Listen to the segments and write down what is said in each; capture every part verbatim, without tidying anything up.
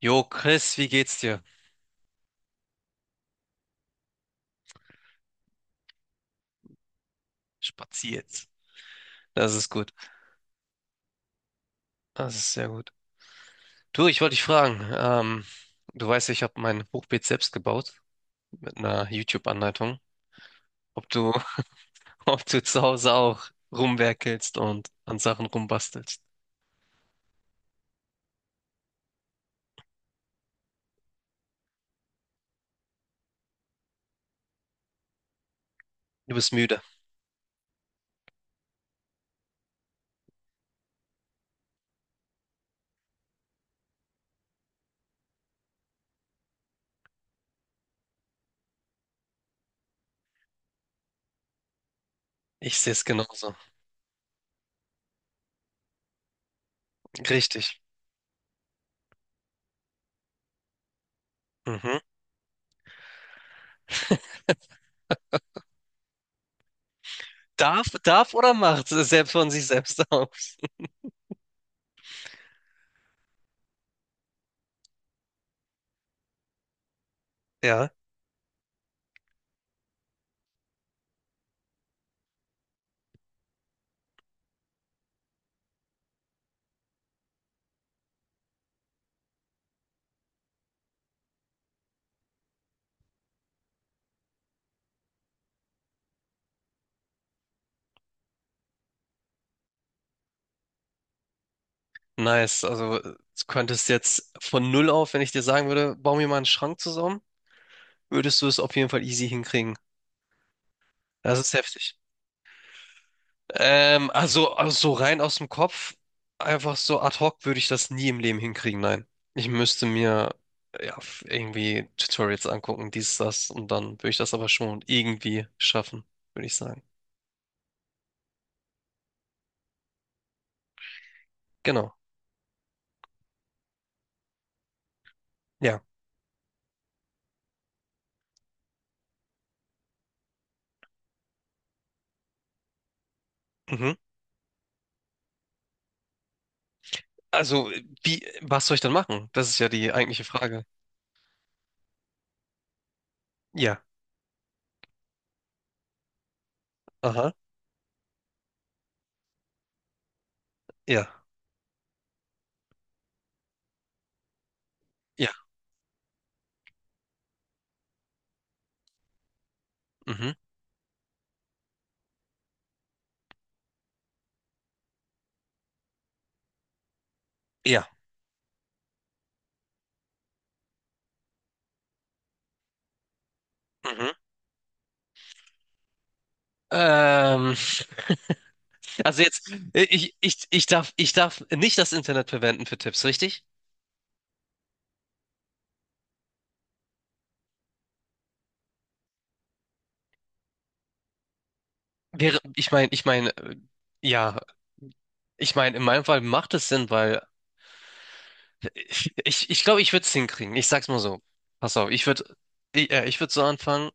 Jo, Chris, wie geht's dir? Spaziert. Das ist gut. Das ist sehr gut. Du, ich wollte dich fragen, ähm, du weißt, ja, ich habe mein Hochbeet selbst gebaut mit einer YouTube-Anleitung. Ob du, ob du zu Hause auch rumwerkelst und an Sachen rumbastelst. Du bist müde. Ich sehe es genauso. Richtig. Mhm. Darf, darf oder macht selbst von sich selbst auf. Ja, nice. Also du könntest jetzt von null auf, wenn ich dir sagen würde, bau mir mal einen Schrank zusammen, würdest du es auf jeden Fall easy hinkriegen. Das ist heftig. Ähm, also, also so rein aus dem Kopf, einfach so ad hoc würde ich das nie im Leben hinkriegen, nein. Ich müsste mir ja, f- irgendwie Tutorials angucken, dies, das, und dann würde ich das aber schon irgendwie schaffen, würde ich sagen. Genau, ja. Mhm. Also, wie, was soll ich dann machen? Das ist ja die eigentliche Frage. Ja, aha, ja, ja, mhm, ja, mhm. Ähm, also jetzt, äh, ich, ich, ich darf, ich darf nicht das Internet verwenden für Tipps, richtig? Wäre, ich meine, ich meine, äh, ja, ich meine, in meinem Fall macht es Sinn, weil ich, ich, ich glaube, ich würde es hinkriegen. Ich sag's mal so. Pass auf, ich würde, ich, äh, ich würde so anfangen.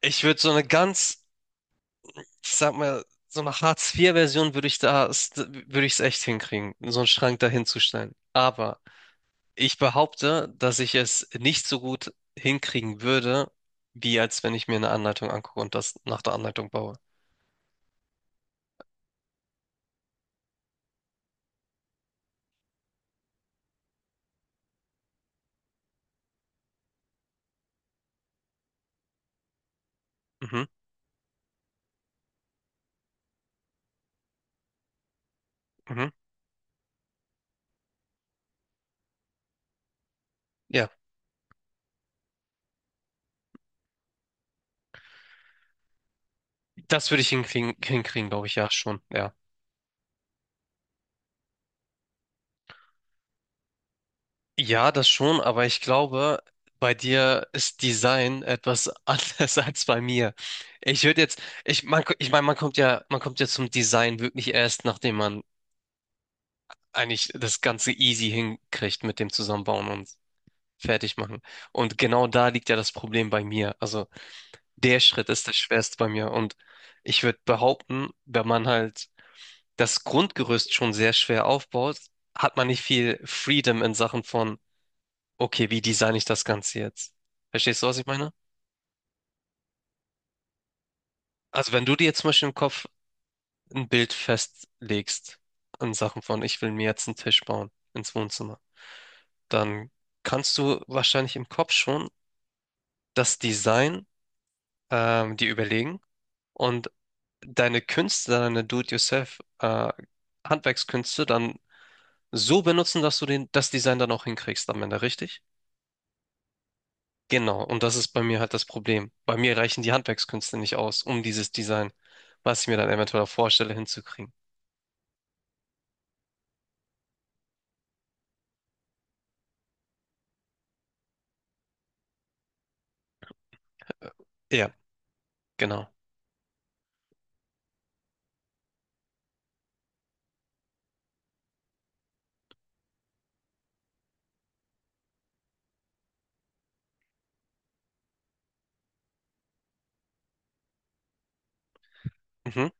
Ich würde so eine ganz, ich sag mal, so eine hartz vier version würde ich da, würde ich es echt hinkriegen, so einen Schrank da hinzustellen. Aber ich behaupte, dass ich es nicht so gut hinkriegen würde, wie als wenn ich mir eine Anleitung angucke und das nach der Anleitung baue. Mhm, mhm. Ja, das würde ich hinkriegen, hinkriegen, glaube ich, ja, schon, ja. Ja, das schon, aber ich glaube, bei dir ist Design etwas anders als bei mir. Ich würde jetzt, ich, man, ich meine, man kommt ja, man kommt ja zum Design wirklich erst, nachdem man eigentlich das Ganze easy hinkriegt mit dem Zusammenbauen und fertig machen. Und genau da liegt ja das Problem bei mir. Also der Schritt ist der schwerste bei mir. Und ich würde behaupten, wenn man halt das Grundgerüst schon sehr schwer aufbaut, hat man nicht viel Freedom in Sachen von, okay, wie designe ich das Ganze jetzt? Verstehst du, was ich meine? Also wenn du dir jetzt zum Beispiel im Kopf ein Bild festlegst in Sachen von, ich will mir jetzt einen Tisch bauen ins Wohnzimmer, dann kannst du wahrscheinlich im Kopf schon das Design ähm, dir überlegen. Und deine Künste, deine Do-it-yourself, äh, Handwerkskünste dann so benutzen, dass du den, das Design dann auch hinkriegst am Ende, richtig? Genau, und das ist bei mir halt das Problem. Bei mir reichen die Handwerkskünste nicht aus, um dieses Design, was ich mir dann eventuell auch vorstelle, hinzukriegen. Äh, Ja, genau. Mhm.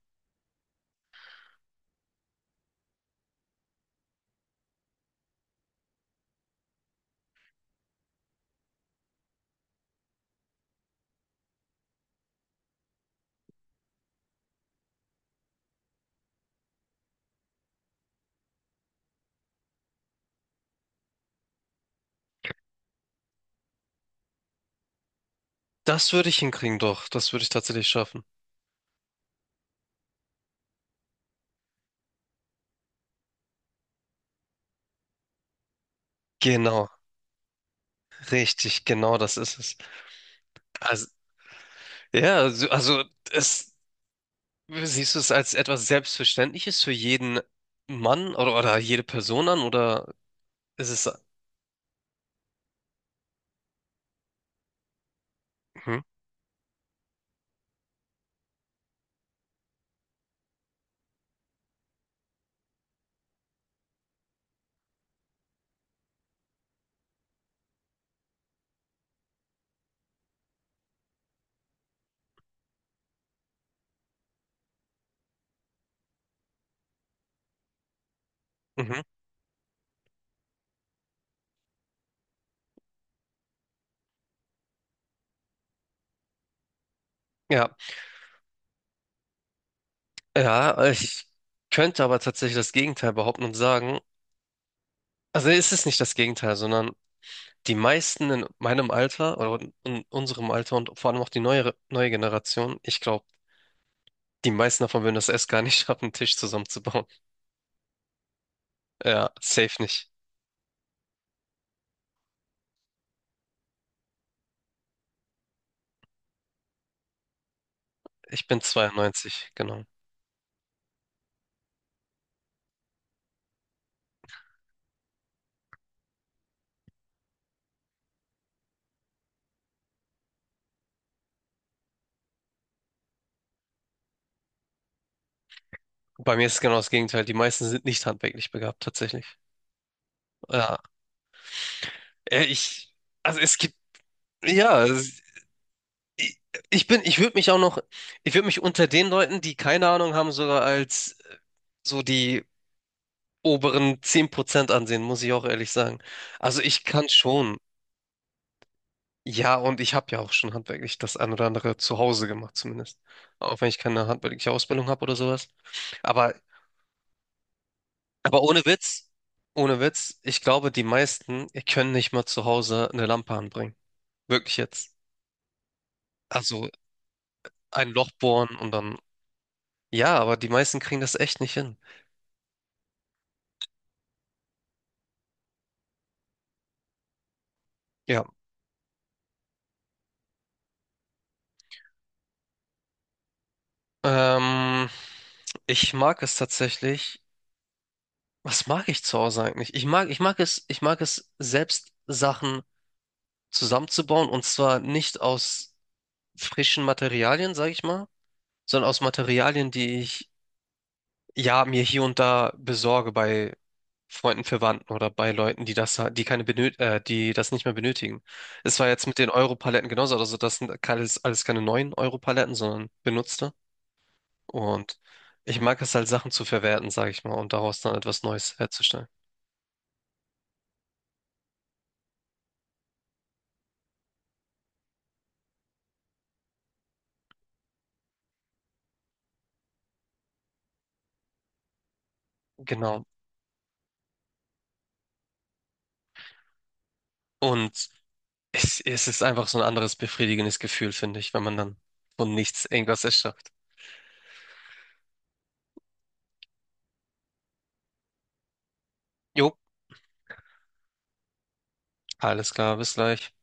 Das würde ich hinkriegen, doch. Das würde ich tatsächlich schaffen. Genau, richtig, genau das ist es. Also, ja, also, also es, siehst du es als etwas Selbstverständliches für jeden Mann oder, oder jede Person an oder ist es... Mhm, mhm, ja, ja, ich könnte aber tatsächlich das Gegenteil behaupten und sagen, also es ist nicht das Gegenteil, sondern die meisten in meinem Alter oder in unserem Alter und vor allem auch die neuere, neue Generation, ich glaube, die meisten davon würden das erst gar nicht schaffen, einen Tisch zusammenzubauen. Ja, safe nicht. Ich bin zweiundneunzig, genau. Bei mir ist es genau das Gegenteil. Die meisten sind nicht handwerklich begabt, tatsächlich. Ja, äh, ich, also es gibt, ja, es- ich, ich bin, ich würde mich auch noch, ich würde mich unter den Leuten, die keine Ahnung haben, sogar als äh, so die oberen zehn Prozent ansehen, muss ich auch ehrlich sagen. Also ich kann schon, ja, und ich habe ja auch schon handwerklich das ein oder andere zu Hause gemacht zumindest. Auch wenn ich keine handwerkliche Ausbildung habe oder sowas. Aber, aber ohne Witz, ohne Witz, ich glaube, die meisten können nicht mal zu Hause eine Lampe anbringen. Wirklich jetzt. Also ein Loch bohren und dann ja, aber die meisten kriegen das echt nicht hin. Ja. Ähm, ich mag es tatsächlich. Was mag ich zu Hause eigentlich? Ich mag, ich mag es, ich mag es, selbst Sachen zusammenzubauen und zwar nicht aus frischen Materialien, sag ich mal, sondern aus Materialien, die ich ja mir hier und da besorge bei Freunden, Verwandten oder bei Leuten, die das, ha- die keine benöt, äh, die das nicht mehr benötigen. Es war jetzt mit den Euro-Paletten genauso, also das sind alles, alles keine neuen Euro-Paletten, sondern benutzte. Und ich mag es halt, Sachen zu verwerten, sage ich mal, und daraus dann etwas Neues herzustellen. Genau. Und es, es ist einfach so ein anderes befriedigendes Gefühl, finde ich, wenn man dann von nichts irgendwas erschafft. Jo, alles klar, bis gleich.